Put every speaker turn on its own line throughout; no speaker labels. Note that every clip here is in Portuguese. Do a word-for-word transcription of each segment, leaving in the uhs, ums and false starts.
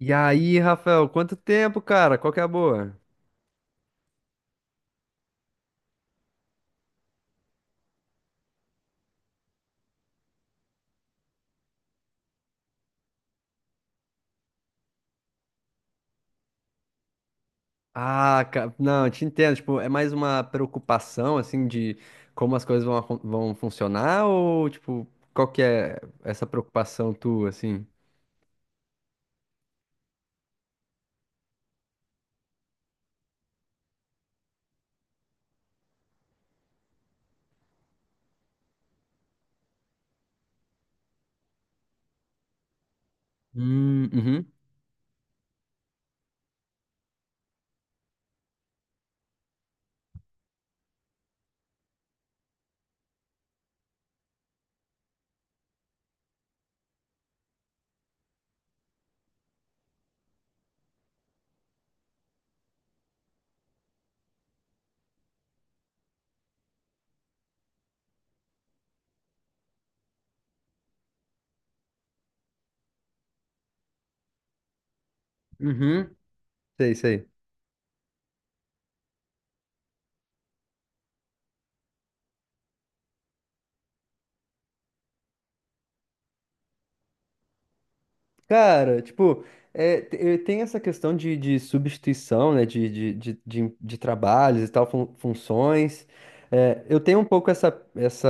E aí, Rafael, quanto tempo, cara? Qual que é a boa? Ah, cara, não, eu te entendo. Tipo, é mais uma preocupação, assim, de como as coisas vão, acon- vão funcionar ou, tipo, qual que é essa preocupação tua, assim? Hum, uhum, uhum. Sei, sei. Cara, tipo, é, te- eh, tem essa questão de, de substituição, né, de, de, de, de, em- de trabalhos e tal, fun- funções. É, eu tenho um pouco essa, essa,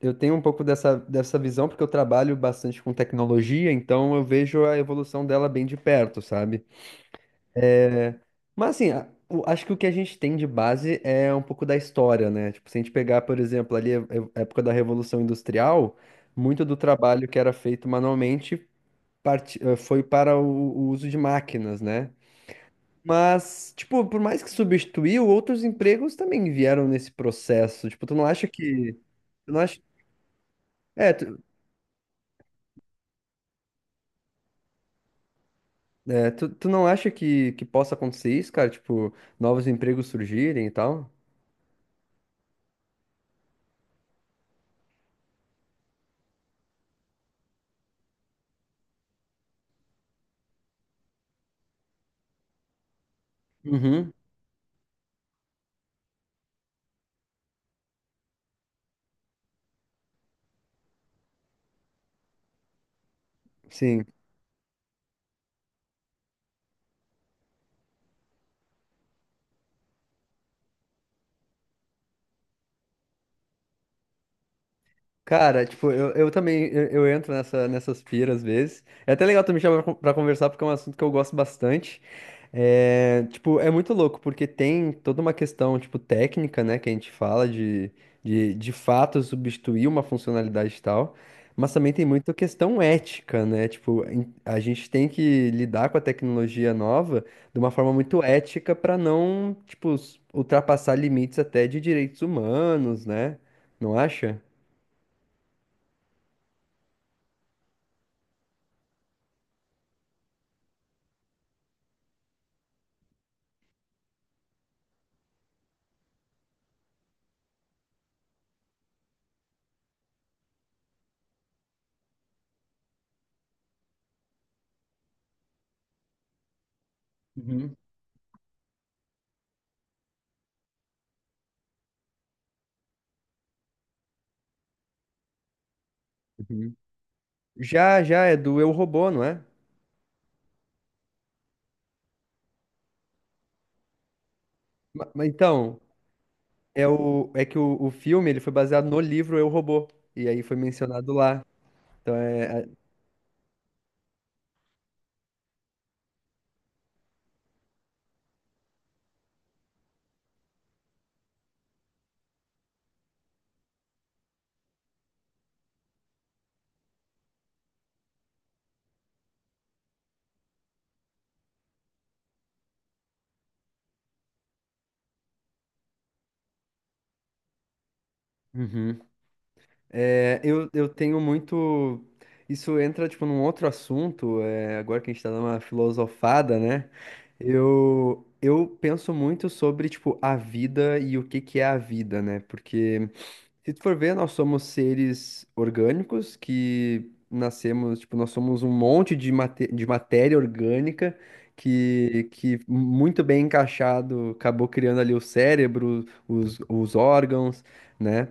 eu tenho um pouco dessa, dessa visão, porque eu trabalho bastante com tecnologia, então eu vejo a evolução dela bem de perto, sabe? Mas assim, a- o- acho que o que a gente tem de base é um pouco da história, né? Tipo, se a gente pegar, por exemplo, ali a a época da Revolução Industrial, muito do trabalho que era feito manualmente parti- eh, foi para o, o uso de máquinas, né? Mas, tipo, por mais que substituiu, outros empregos também vieram nesse processo. Tipo, tu não acha que. Tu não acha... É, tu, é, tu, tu não acha que, que possa acontecer isso, cara? Tipo, novos empregos surgirem e tal? Uhum, sim. Cara, tipo, eu, eu também, eu, eu entro nessa, nessas piras às vezes. É até legal tu me chamar pra pra conversar, porque é um assunto que eu gosto bastante. É, tipo, é muito louco, porque tem toda uma questão, tipo, técnica, né, que a gente fala de, de, de fato substituir uma funcionalidade e tal, mas também tem muita questão ética, né, tipo, em- a gente tem que lidar com a tecnologia nova de uma forma muito ética para não, tipo, s- ultrapassar limites até de direitos humanos, né, não acha? Uhum. Já, já, é do Eu, Robô, não é? Ma- Mas então, é, o, é que o, o filme ele foi baseado no livro Eu, Robô, e aí foi mencionado lá. Então é, é- Uhum. É, eu, eu tenho muito. Isso entra, tipo, num outro assunto, é, agora que a gente tá dando uma filosofada, né? Eu, eu penso muito sobre, tipo, a vida e o que que é a vida, né? Porque se tu for ver, nós somos seres orgânicos que nascemos, tipo, nós somos um monte de, mate- de matéria orgânica que, que muito bem encaixado acabou criando ali o cérebro, os, os órgãos, né?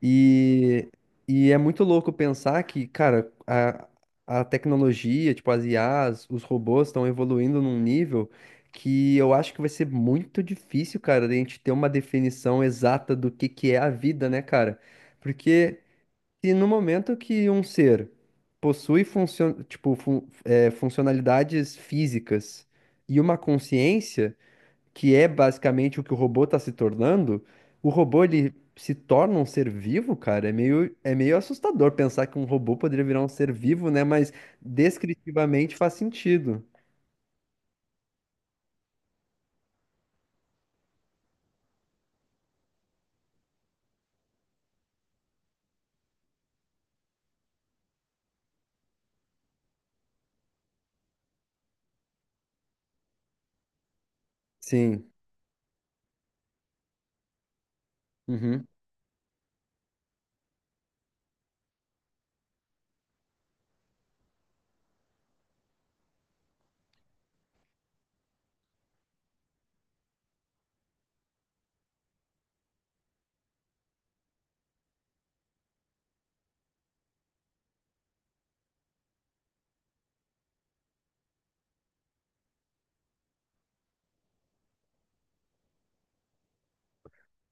E, e é muito louco pensar que, cara, a, a tecnologia, tipo, as I As, os robôs estão evoluindo num nível que eu acho que vai ser muito difícil, cara, de a gente ter uma definição exata do que que é a vida, né, cara? Porque se no momento que um ser possui funcio- tipo, fun- é, funcionalidades físicas e uma consciência, que é basicamente o que o robô está se tornando, o robô ele se torna um ser vivo, cara. É meio, é meio assustador pensar que um robô poderia virar um ser vivo, né? Mas descritivamente faz sentido. Sim. Uhum.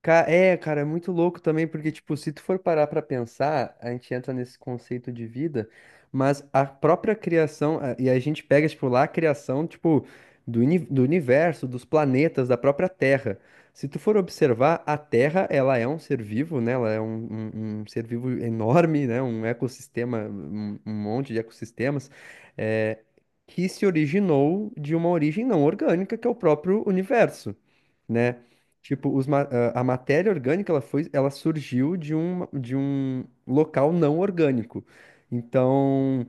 Ca- É, cara, é muito louco também, porque, tipo, se tu for parar pra pensar, a gente entra nesse conceito de vida, mas a própria criação, a- e a gente pega, tipo, lá a criação, tipo, do, uni- do universo, dos planetas, da própria Terra. Se tu for observar, a Terra, ela é um ser vivo, né? Ela é um, um- um ser vivo enorme, né? Um ecossistema, um, um monte de ecossistemas, é, que se originou de uma origem não orgânica, que é o próprio universo, né? Tipo, os ma- a a matéria orgânica, ela foi, ela surgiu de um, de um local não orgânico. Então,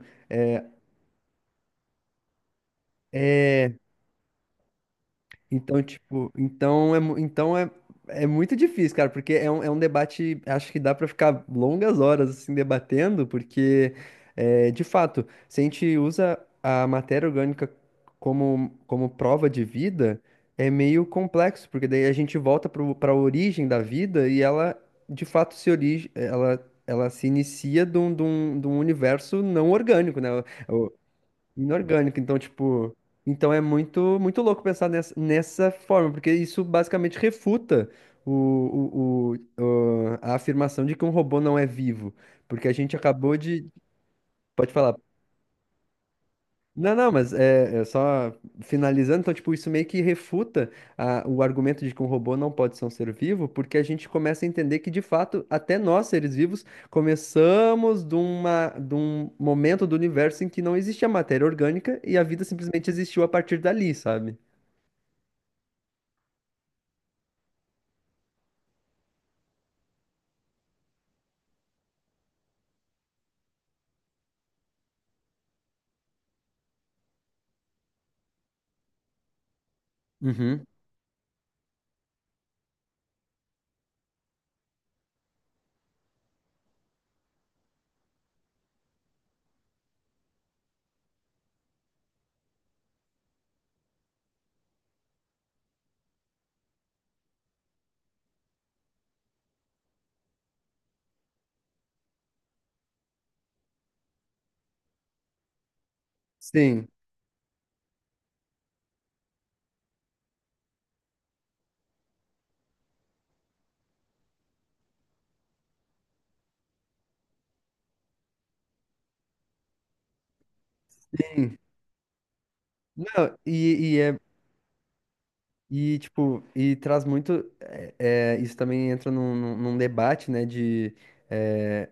então, tipo, então é, mu- então é, é muito difícil, cara, porque é um, é um debate, acho que dá pra ficar longas horas assim debatendo, porque é, de fato, se a gente usa a matéria orgânica como, como prova de vida, é meio complexo, porque daí a gente volta para a origem da vida e ela de fato se origi ela, ela se inicia de um, de um, de um universo não orgânico, né? Inorgânico, então, tipo. Então é muito, muito louco pensar nessa, nessa forma, porque isso basicamente refuta o, o, o- o- a afirmação de que um robô não é vivo. Porque a gente acabou de. Pode falar, não, não, mas é, é só finalizando, então, tipo, isso meio que refuta a- o argumento de que um robô não pode ser um ser vivo, porque a gente começa a entender que, de fato, até nós, seres vivos, começamos de uma, de um momento do universo em que não existia matéria orgânica e a vida simplesmente existiu a partir dali, sabe? Uhum. Sim. Sim. Não, e, e é. E, tipo, e traz muito. é, é, isso também entra num, num num debate, né? De. eh,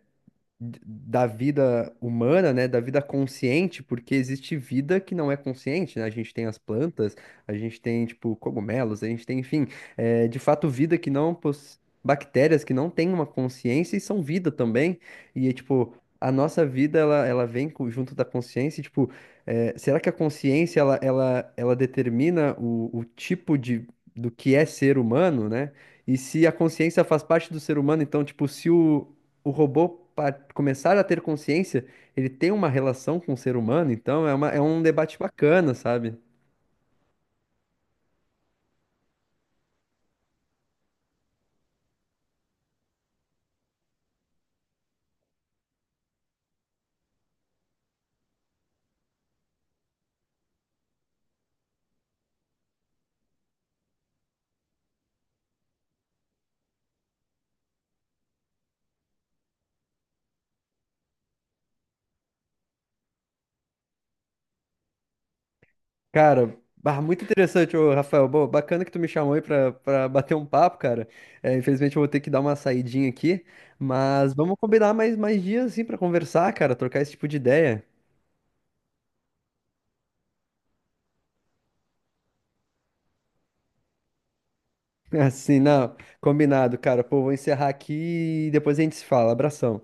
d- da vida humana, né, da vida consciente, porque existe vida que não é consciente, né? A gente tem as plantas, a gente tem, tipo, cogumelos, a gente tem, enfim, é, de fato, vida que não possui. Bactérias que não têm uma consciência e são vida também. E, é, tipo, a nossa vida, ela, ela vem co- junto da consciência. E, tipo, é, será que a consciência, ela, ela, ela determina o, o tipo de, do que é ser humano, né? E se a consciência faz parte do ser humano, então, tipo, se o, o robô, para começar a ter consciência, ele tem uma relação com o ser humano, então é, uma, é um debate bacana, sabe? Cara, bah, muito interessante, ô, Rafael. Boa, bacana que tu me chamou aí pra, pra bater um papo, cara. É, infelizmente eu vou ter que dar uma saidinha aqui, mas vamos combinar mais, mais dias, assim, pra conversar, cara, trocar esse tipo de ideia. Assim, não, combinado, cara. Pô, vou encerrar aqui e depois a gente se fala. Abração.